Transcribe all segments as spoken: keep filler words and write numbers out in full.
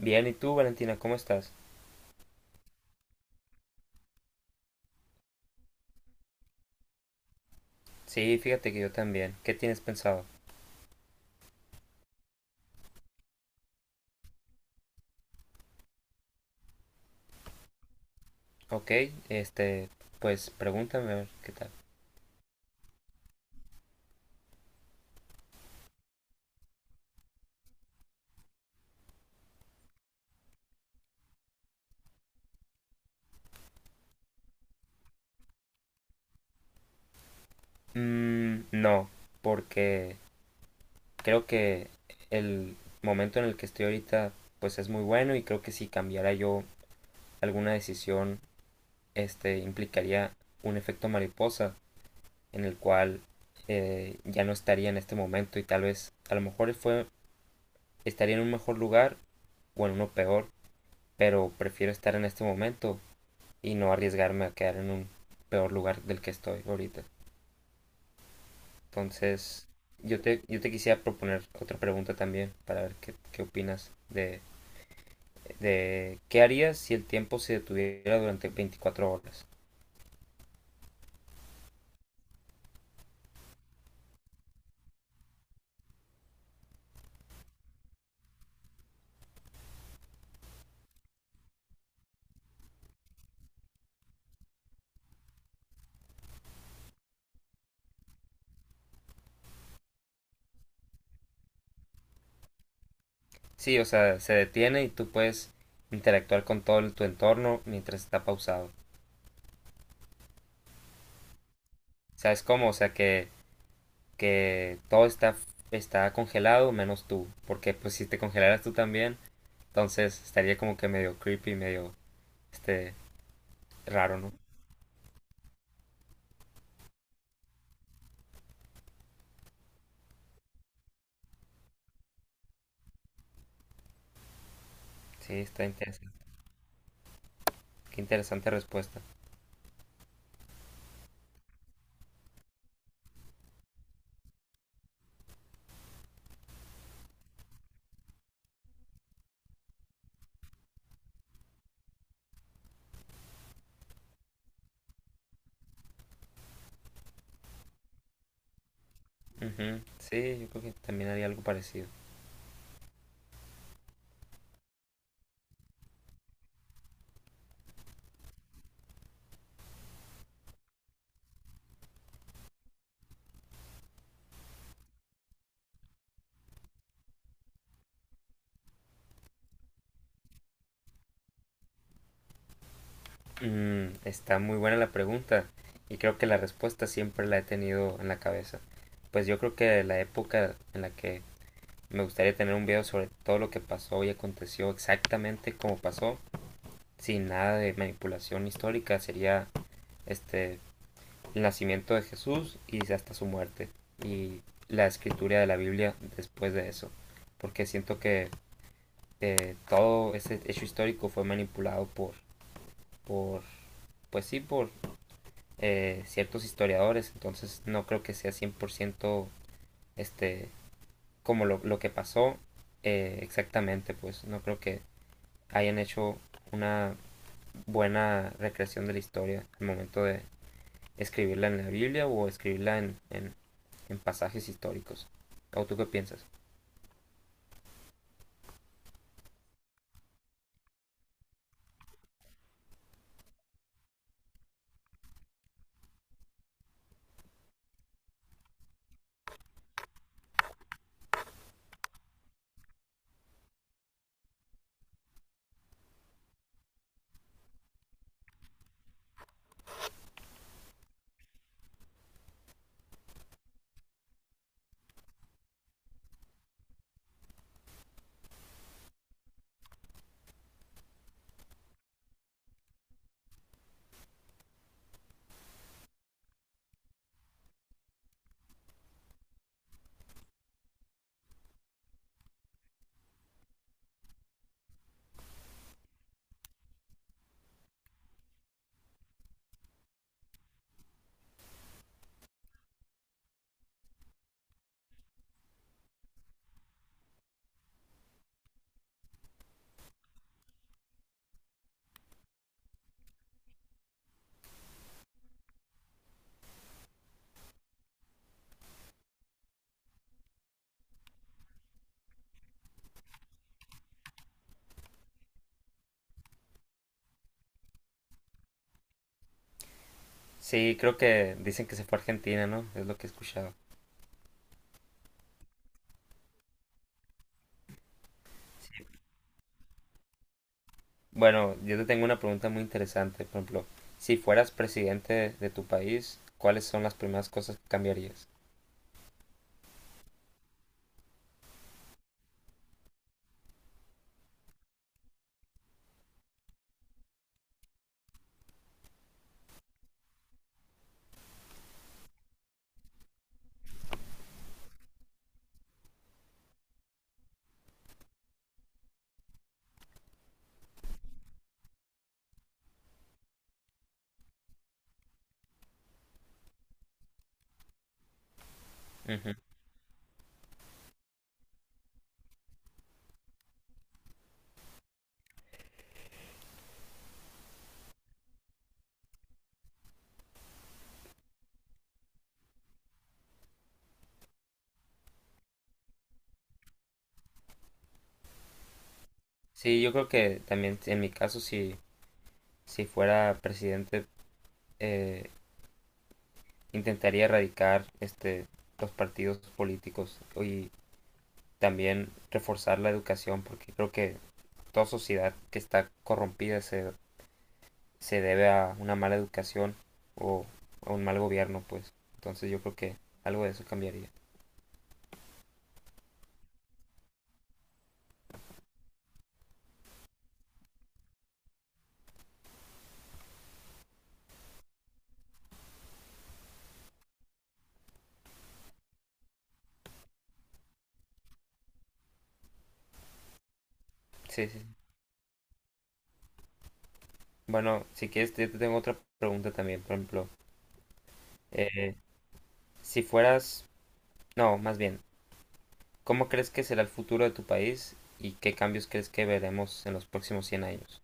Bien, ¿y tú, Valentina, cómo estás? Sí, fíjate que yo también. ¿Qué tienes pensado? Ok, este, pues pregúntame a ver qué tal. Mm, no, porque creo que el momento en el que estoy ahorita, pues es muy bueno y creo que si cambiara yo alguna decisión, este, implicaría un efecto mariposa en el cual eh, ya no estaría en este momento y tal vez a lo mejor fue, estaría en un mejor lugar o en uno peor, pero prefiero estar en este momento y no arriesgarme a quedar en un peor lugar del que estoy ahorita. Entonces, yo te, yo te quisiera proponer otra pregunta también para ver qué, qué opinas de, de qué harías si el tiempo se detuviera durante veinticuatro horas. Sí, o sea, se detiene y tú puedes interactuar con todo el- tu entorno mientras está pausado. ¿Sabes cómo? O sea, que, que todo está, está congelado menos tú. Porque pues si te congelaras tú también, entonces estaría como que medio creepy, medio este, raro, ¿no? Sí, está interesante. Qué interesante respuesta. Ujú, sí, yo creo que también haría algo parecido. Mm, está muy buena la pregunta y creo que la respuesta siempre la he tenido en la cabeza. Pues yo creo que la época en la que me gustaría tener un video sobre todo lo que pasó y aconteció exactamente como pasó, sin nada de manipulación histórica, sería este el nacimiento de Jesús y hasta su muerte y la escritura de la Biblia después de eso, porque siento que eh, todo ese hecho histórico fue manipulado por, por pues sí, por eh, ciertos historiadores, entonces no creo que sea cien por ciento este, como lo, lo que pasó eh, exactamente, pues no creo que hayan hecho una buena recreación de la historia al momento de escribirla en la Biblia o escribirla en, en, en pasajes históricos. ¿O tú qué piensas? Sí, creo que dicen que se fue a Argentina, ¿no? Es lo que he escuchado. Bueno, yo te tengo una pregunta muy interesante. Por ejemplo, si fueras presidente de, de tu país, ¿cuáles son las primeras cosas que cambiarías? Ujú. Sí, yo creo que también en mi caso, si, si fuera presidente, eh, intentaría erradicar este, los partidos políticos y también reforzar la educación, porque creo que toda sociedad que está corrompida se, se debe a una mala educación o a un mal gobierno, pues. Entonces yo creo que algo de eso cambiaría. Sí, sí. sí. Bueno, si quieres, yo te tengo otra pregunta también. Por ejemplo, eh, si fueras, no, más bien, ¿cómo crees que será el futuro de tu país y qué cambios crees que veremos en los próximos cien años?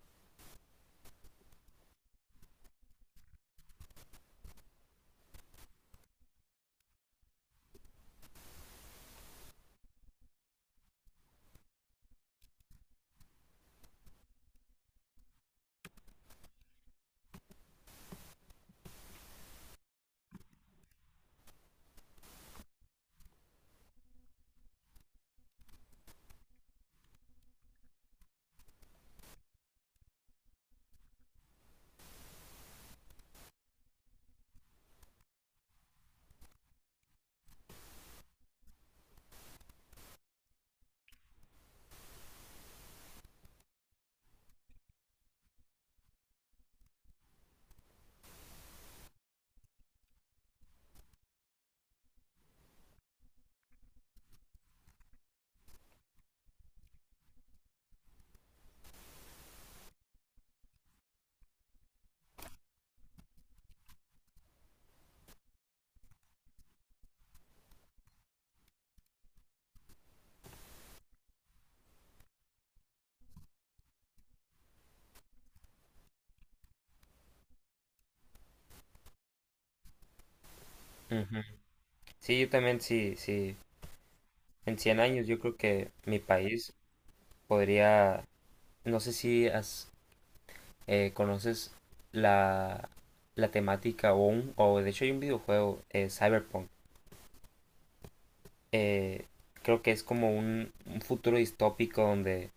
Ujú. Sí, yo también, sí, sí. En cien años yo creo que mi país podría, no sé si has- eh, conoces la, la temática o un, o de hecho hay un videojuego, eh, Cyberpunk. Eh, creo que es como un, un futuro distópico donde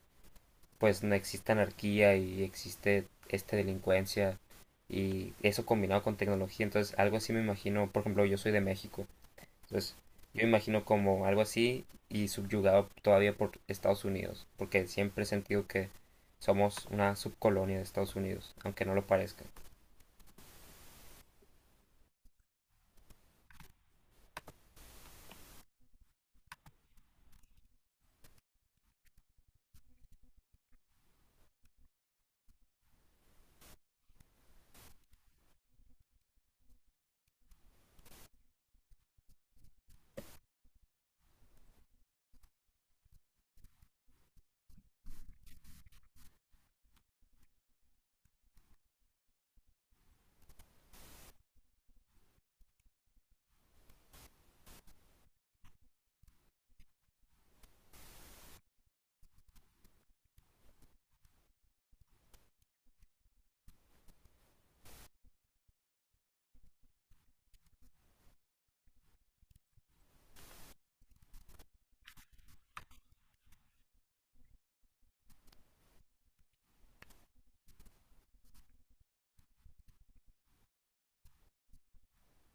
pues no existe anarquía y existe esta delincuencia y eso combinado con tecnología, entonces algo así me imagino, por ejemplo, yo soy de México, entonces yo me imagino como algo así y subyugado todavía por Estados Unidos, porque siempre he sentido que somos una subcolonia de Estados Unidos, aunque no lo parezca.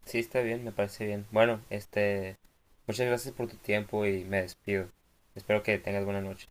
Sí, está bien, me parece bien. Bueno, este, muchas gracias por tu tiempo y me despido. Espero que tengas buena noche.